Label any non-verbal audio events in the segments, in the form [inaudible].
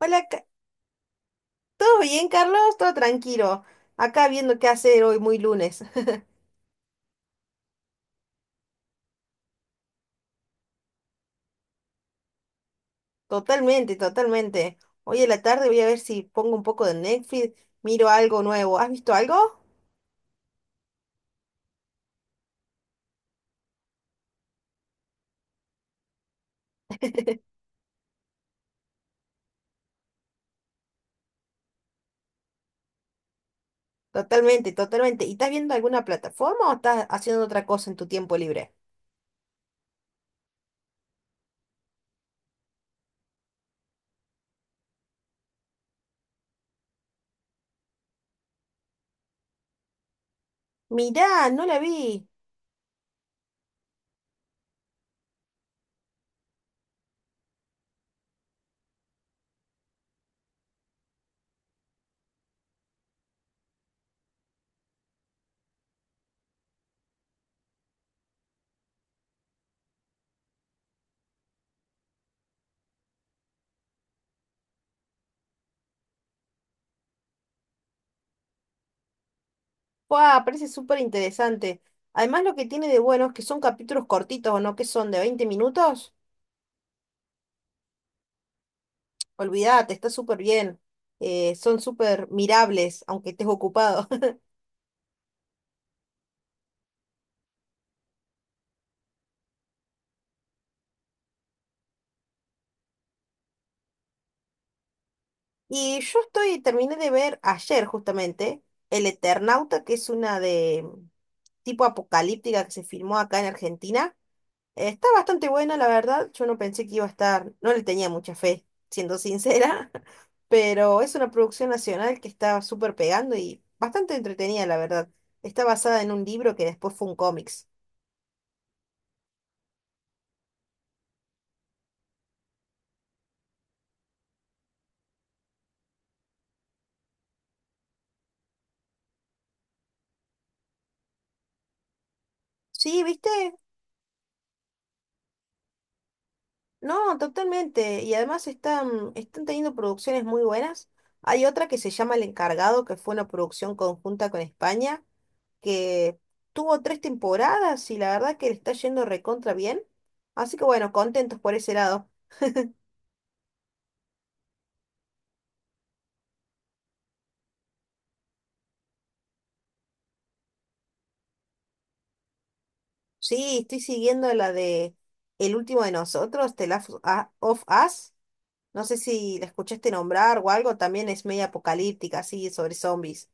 Hola, ¿todo bien, Carlos? Todo tranquilo. Acá viendo qué hacer hoy, muy lunes. [laughs] Totalmente, totalmente. Hoy en la tarde voy a ver si pongo un poco de Netflix, miro algo nuevo. ¿Has visto algo? Totalmente, totalmente. ¿Y estás viendo alguna plataforma o estás haciendo otra cosa en tu tiempo libre? Mirá, no la vi. ¡Wow! Parece súper interesante. Además, lo que tiene de bueno es que son capítulos cortitos, ¿o no? Que son de 20 minutos. Olvídate, está súper bien. Son súper mirables, aunque estés ocupado. Y yo estoy, terminé de ver ayer justamente El Eternauta, que es una de tipo apocalíptica que se filmó acá en Argentina. Está bastante buena, la verdad. Yo no pensé que iba a estar, no le tenía mucha fe, siendo sincera, [laughs] pero es una producción nacional que está súper pegando y bastante entretenida, la verdad. Está basada en un libro que después fue un cómics. Sí, ¿viste? No, totalmente. Y además están teniendo producciones muy buenas. Hay otra que se llama El Encargado, que fue una producción conjunta con España, que tuvo 3 temporadas y la verdad que le está yendo recontra bien. Así que bueno, contentos por ese lado. Sí, estoy siguiendo la de El último de nosotros, The Last of Us. No sé si la escuchaste nombrar o algo, también es media apocalíptica, así, sobre zombies.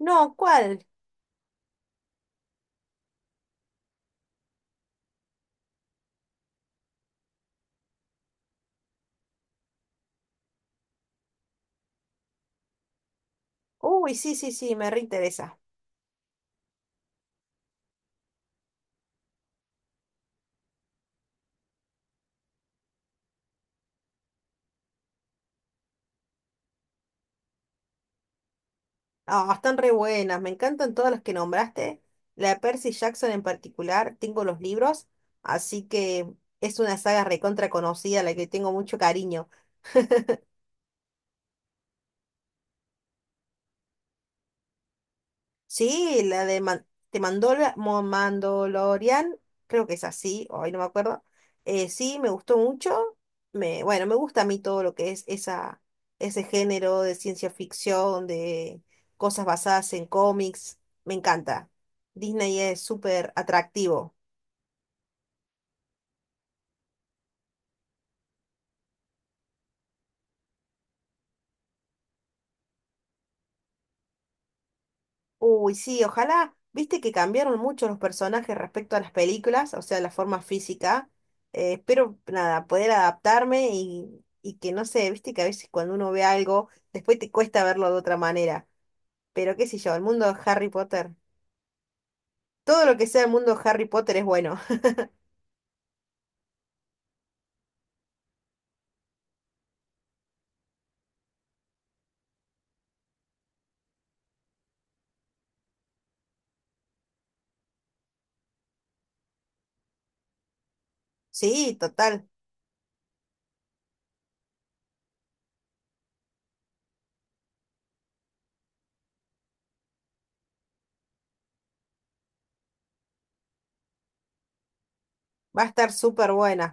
No, ¿cuál? Uy, sí, sí, sí, me reinteresa. Ah, están re buenas, me encantan todas las que nombraste. La de Percy Jackson en particular, tengo los libros, así que es una saga recontra conocida, a la que tengo mucho cariño. Sí, la de Mandalorian, creo que es así, hoy no me acuerdo. Sí, me gustó mucho. Me, bueno, me gusta a mí todo lo que es esa, ese género de ciencia ficción, de cosas basadas en cómics, me encanta. Disney es súper atractivo. Uy, sí, ojalá, viste que cambiaron mucho los personajes respecto a las películas, o sea, la forma física. Espero, nada, poder adaptarme y que no sé, viste que a veces cuando uno ve algo, después te cuesta verlo de otra manera. Pero qué sé yo, el mundo de Harry Potter. Todo lo que sea el mundo de Harry Potter es bueno. [laughs] Sí, total, va a estar súper buena.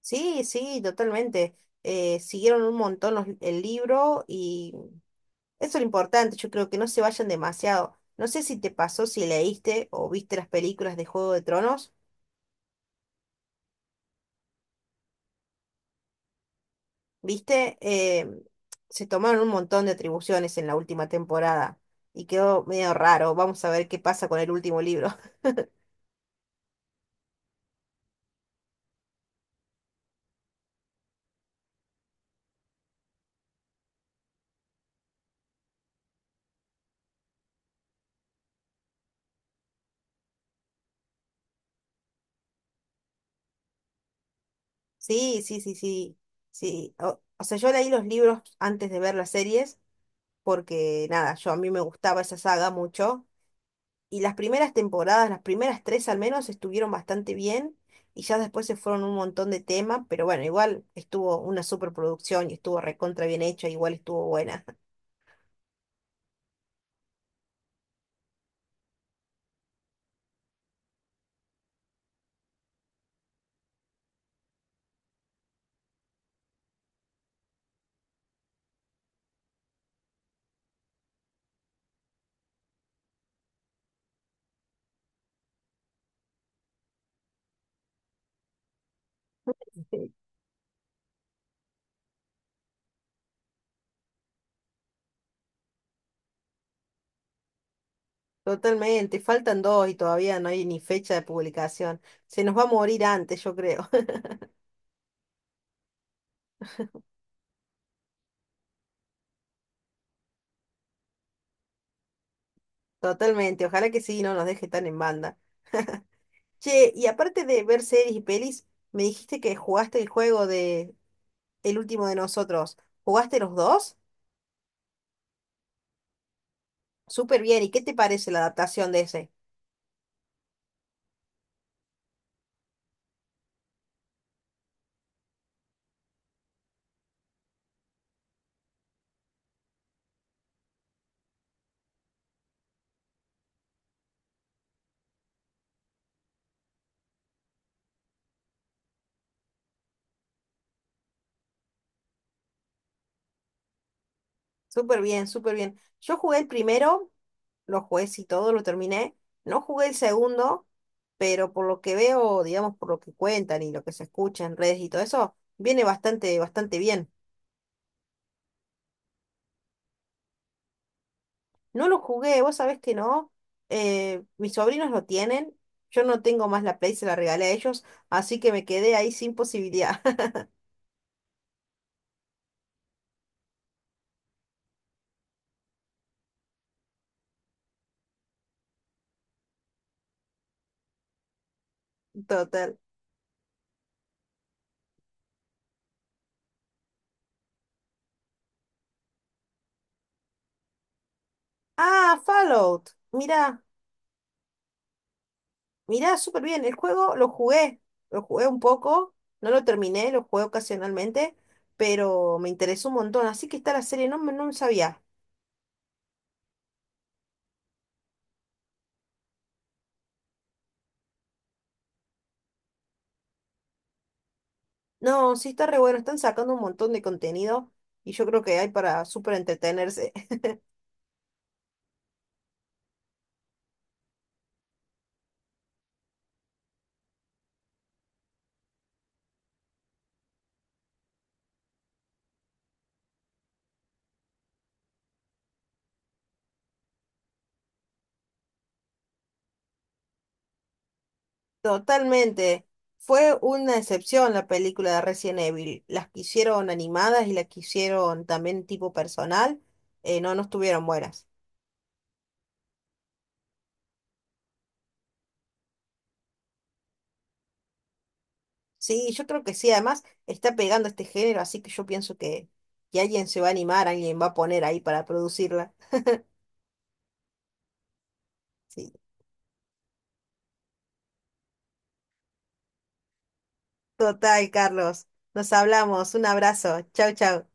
Sí, sí, totalmente. Siguieron un montón el libro y eso es lo importante, yo creo que no se vayan demasiado. No sé si te pasó, si leíste o viste las películas de Juego de Tronos, viste, se tomaron un montón de atribuciones en la última temporada y quedó medio raro. Vamos a ver qué pasa con el último libro. [laughs] Sí, sí, sí, sí, sí. O sea, yo leí los libros antes de ver las series porque, nada, yo a mí me gustaba esa saga mucho. Y las primeras temporadas, las primeras tres al menos, estuvieron bastante bien y ya después se fueron un montón de temas, pero bueno, igual estuvo una superproducción y estuvo recontra bien hecha, igual estuvo buena. [laughs] Totalmente, faltan dos y todavía no hay ni fecha de publicación. Se nos va a morir antes, yo creo. [laughs] Totalmente, ojalá que sí, no nos deje tan en banda. Che, y aparte de ver series y pelis, me dijiste que jugaste el juego de El último de nosotros. ¿Jugaste los dos? Súper bien, ¿y qué te parece la adaptación de ese? Súper bien, súper bien. Yo jugué el primero, lo jugué y todo, lo terminé. No jugué el segundo, pero por lo que veo, digamos, por lo que cuentan y lo que se escucha en redes y todo eso, viene bastante, bastante bien. No lo jugué, vos sabés que no. Mis sobrinos lo tienen. Yo no tengo más la Play, se la regalé a ellos, así que me quedé ahí sin posibilidad. [laughs] Total. Ah, Fallout. Mirá. Mirá, súper bien. El juego lo jugué un poco, no lo terminé, lo jugué ocasionalmente, pero me interesó un montón. Así que está la serie, no sabía. No, sí está re bueno, están sacando un montón de contenido y yo creo que hay para súper entretenerse. [laughs] Totalmente. Fue una excepción la película de Resident Evil. Las que hicieron animadas y las que hicieron también tipo personal, no, no estuvieron buenas. Sí, yo creo que sí, además está pegando este género, así que yo pienso que alguien se va a animar, alguien va a poner ahí para producirla. Sí. Total, Carlos. Nos hablamos. Un abrazo. Chau, chau.